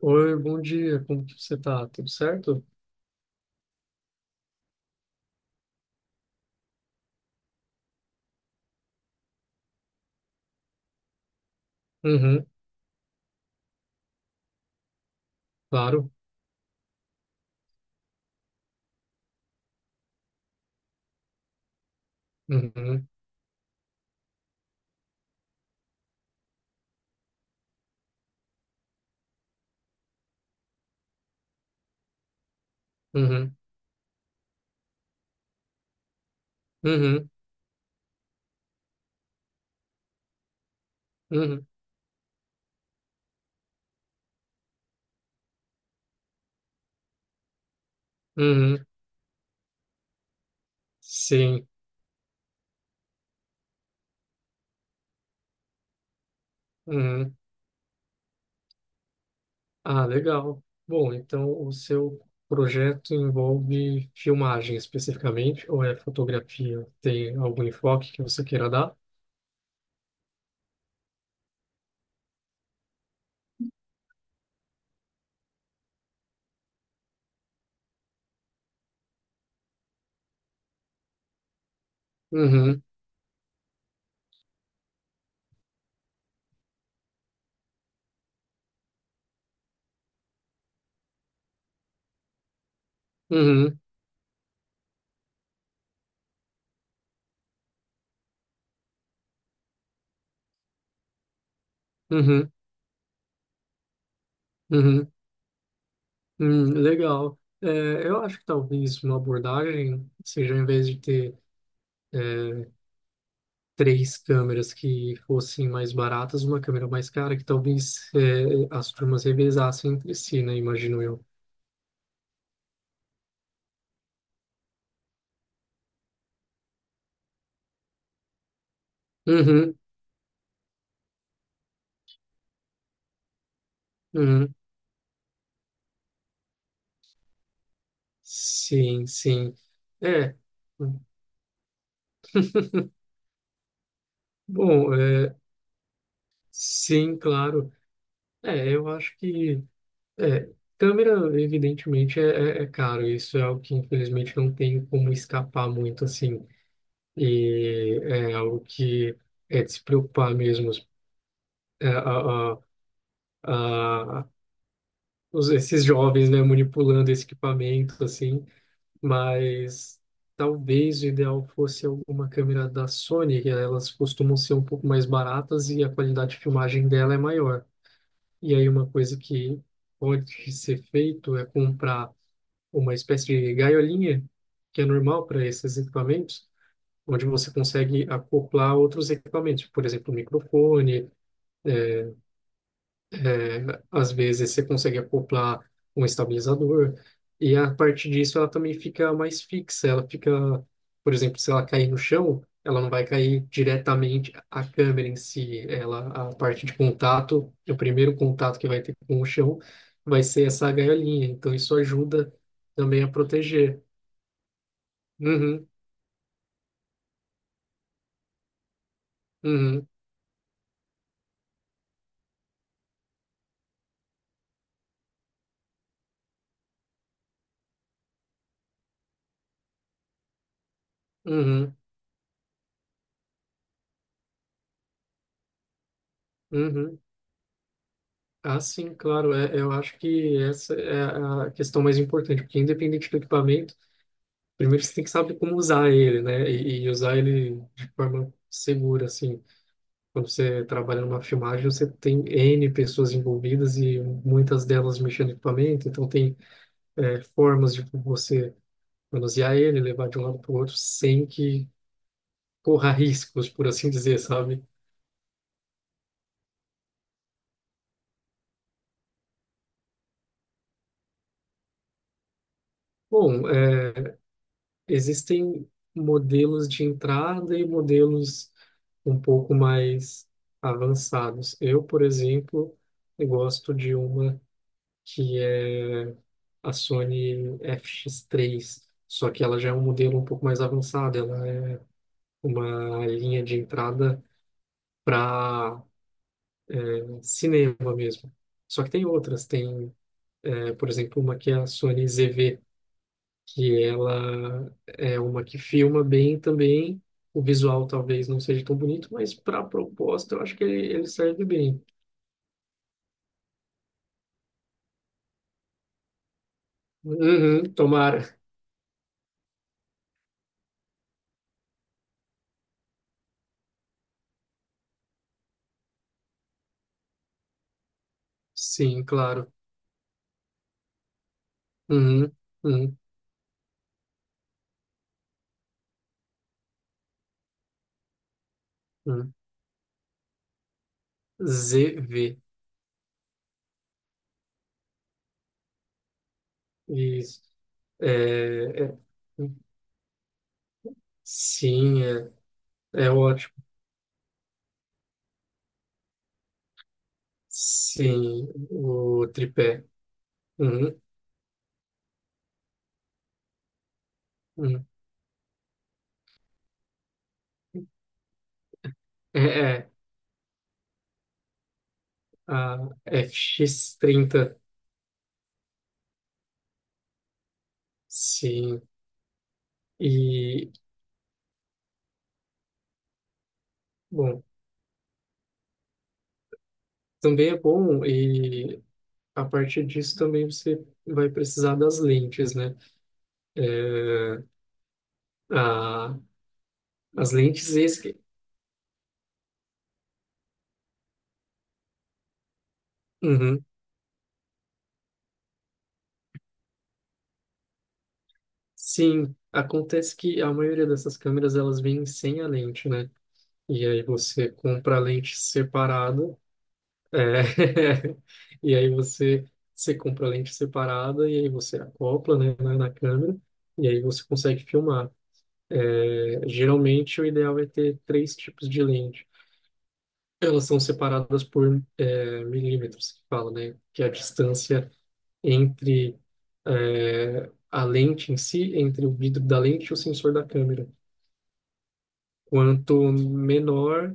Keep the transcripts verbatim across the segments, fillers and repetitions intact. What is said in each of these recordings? Oi, bom dia, como que você tá? Tudo certo? Uhum, claro. Uhum, uhum, uhum, uhum, uhum, sim. Uhum. Ah, legal. Bom, então o seu projeto envolve filmagem especificamente, ou é fotografia? Tem algum enfoque que você queira dar? Uhum, uhum, uhum, uhum, hum, legal. É, eu acho que talvez uma abordagem seja, em vez de ter é, três câmeras que fossem mais baratas, uma câmera mais cara, que talvez eh, as turmas revezassem entre si, né? Imagino eu. Uhum, uhum. Sim, sim. É. Bom, é, sim, claro. É, eu acho que é, câmera, evidentemente, é, é é caro. Isso é algo que, infelizmente, não tem como escapar muito, assim. E é algo que é de se preocupar mesmo. É, a, a, os- esses jovens, né, manipulando esse equipamento, assim, mas talvez o ideal fosse alguma câmera da Sony, que elas costumam ser um pouco mais baratas e a qualidade de filmagem dela é maior. E aí uma coisa que pode ser feito é comprar uma espécie de gaiolinha, que é normal para esses equipamentos, onde você consegue acoplar outros equipamentos, por exemplo, microfone. É, às vezes você consegue acoplar um estabilizador e a partir disso ela também fica mais fixa. Ela fica, por exemplo, se ela cair no chão, ela não vai cair diretamente a câmera em si. Ela, a parte de contato, o primeiro contato que vai ter com o chão vai ser essa gaiolinha. Então isso ajuda também a proteger. Uhum, uhum, uhum, uhum. Ah, sim, claro. É, eu acho que essa é a questão mais importante, porque independente do equipamento, primeiro você tem que saber como usar ele, né? E, e usar ele de forma segura, assim. Quando você trabalha numa filmagem, você tem N pessoas envolvidas e muitas delas mexendo no equipamento, então tem é, formas de você manusear ele, levar de um lado para o outro sem que corra riscos, por assim dizer, sabe? Bom, é, existem modelos de entrada e modelos um pouco mais avançados. Eu, por exemplo, eu gosto de uma que é a Sony F X três, só que ela já é um modelo um pouco mais avançado, ela é uma linha de entrada para cinema mesmo. Só que tem outras, tem, é, por exemplo, uma que é a Sony Z V, que ela é uma que filma bem também. O visual talvez não seja tão bonito, mas para a proposta eu acho que ele, ele serve bem. Uhum, tomara. Sim, claro. Uhum, uhum, uhum. Z V. Isso. É, é- sim, é, é ótimo. Sim, o tripé. Uhum, uhum. É, é, a fx trinta. Sim. E, bom, também é bom e a partir disso também você vai precisar das lentes, né? É, a, as lentes... ex- Uhum. Sim, acontece que a maioria dessas câmeras, elas vêm sem a lente, né? E aí você compra a lente separada. É. E aí você, você compra a lente separada e aí você acopla, né, na, na câmera e aí você consegue filmar. É, geralmente o ideal é ter três tipos de lente. Elas são separadas por é, milímetros, que fala, né? Que é a distância entre é, a lente em si, entre o vidro da lente e o sensor da câmera. Quanto menor,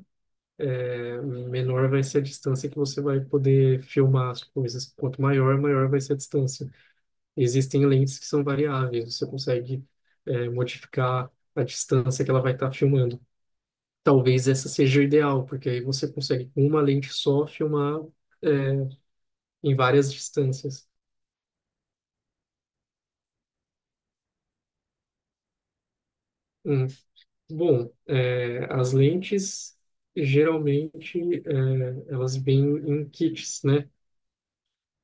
menor vai ser a distância que você vai poder filmar as coisas. Quanto maior, maior vai ser a distância. Existem lentes que são variáveis, você consegue eh, modificar a distância que ela vai estar filmando. Talvez essa seja o ideal, porque aí você consegue, com uma lente só, filmar, é, em várias distâncias. Hum. Bom, eh, as lentes, geralmente, eh, elas vêm em kits, né?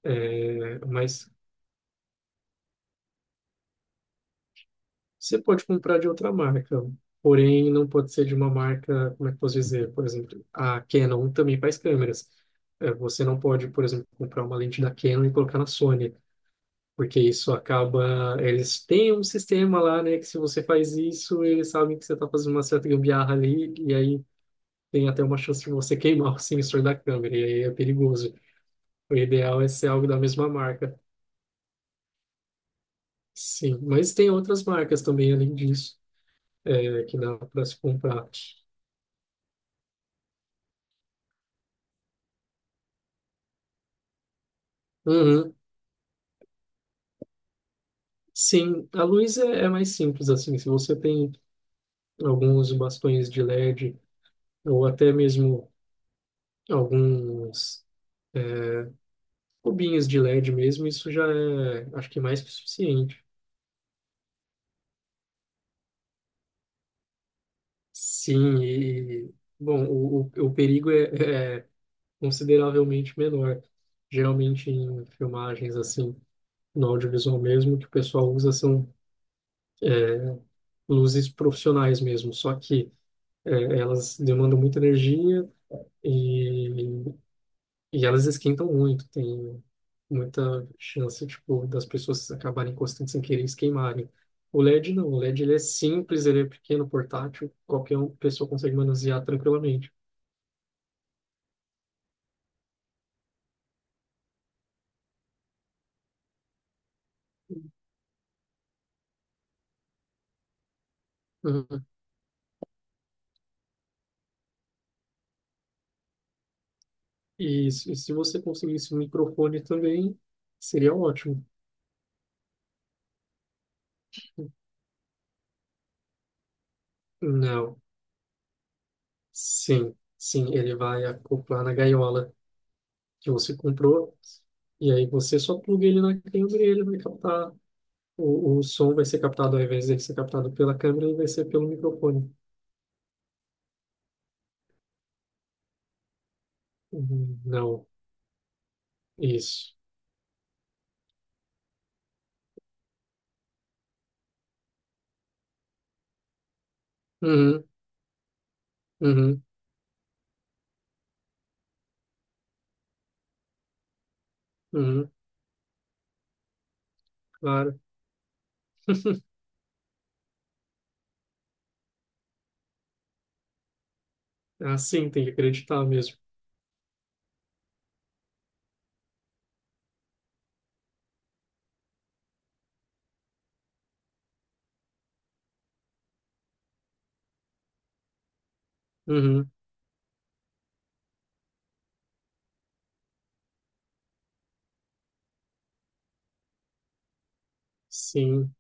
Eh, mas você pode comprar de outra marca, porém não pode ser de uma marca, como é que eu posso dizer? Por exemplo, a Canon também faz câmeras. É, você não pode, por exemplo, comprar uma lente da Canon e colocar na Sony, porque isso acaba. Eles têm um sistema lá, né, que se você faz isso, eles sabem que você está fazendo uma certa gambiarra ali, e aí tem até uma chance de você queimar o sensor da câmera, e aí é perigoso. O ideal é ser algo da mesma marca. Sim, mas tem outras marcas também além disso, é, que dá para se comprar. Uhum. Sim, a luz é, é mais simples assim. Se você tem alguns bastões de L E D ou até mesmo alguns cubinhos de L E D mesmo, isso já é, acho que mais que o suficiente. Sim, e bom, o, o, o perigo é, é consideravelmente menor. Geralmente em filmagens assim, no audiovisual mesmo, o que o pessoal usa são luzes profissionais mesmo, só que é, elas demandam muita energia. E E elas esquentam muito, tem muita chance, tipo, das pessoas acabarem encostando sem querer e se queimarem. O L E D não, o L E D ele é simples, ele é pequeno, portátil, qualquer um- pessoa consegue manusear tranquilamente. Uhum. E, se e se você conseguisse um microfone também, seria ótimo. Não, sim, sim, ele vai acoplar na gaiola que você comprou, e aí você só pluga ele na câmera e ele vai captar. O, o som vai ser captado, ao invés de ser captado pela câmera, ele vai ser pelo microfone. Uhum. Não, isso. Uhum, uhum, uhum, claro. Ah, sim, tem que acreditar mesmo. Uhum, sim,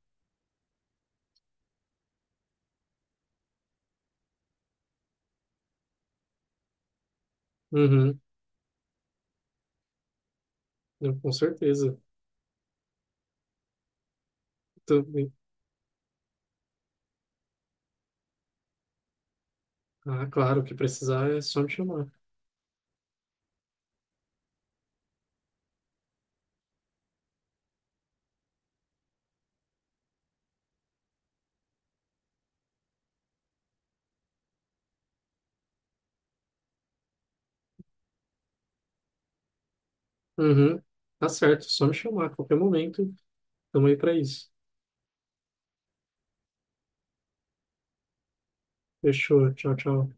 uhum, eu- com certeza. Também. Ah, claro, o que precisar é só me chamar. Uhum, tá certo, só me chamar a qualquer momento. Tamo aí pra isso. Fechou, tchau, tchau.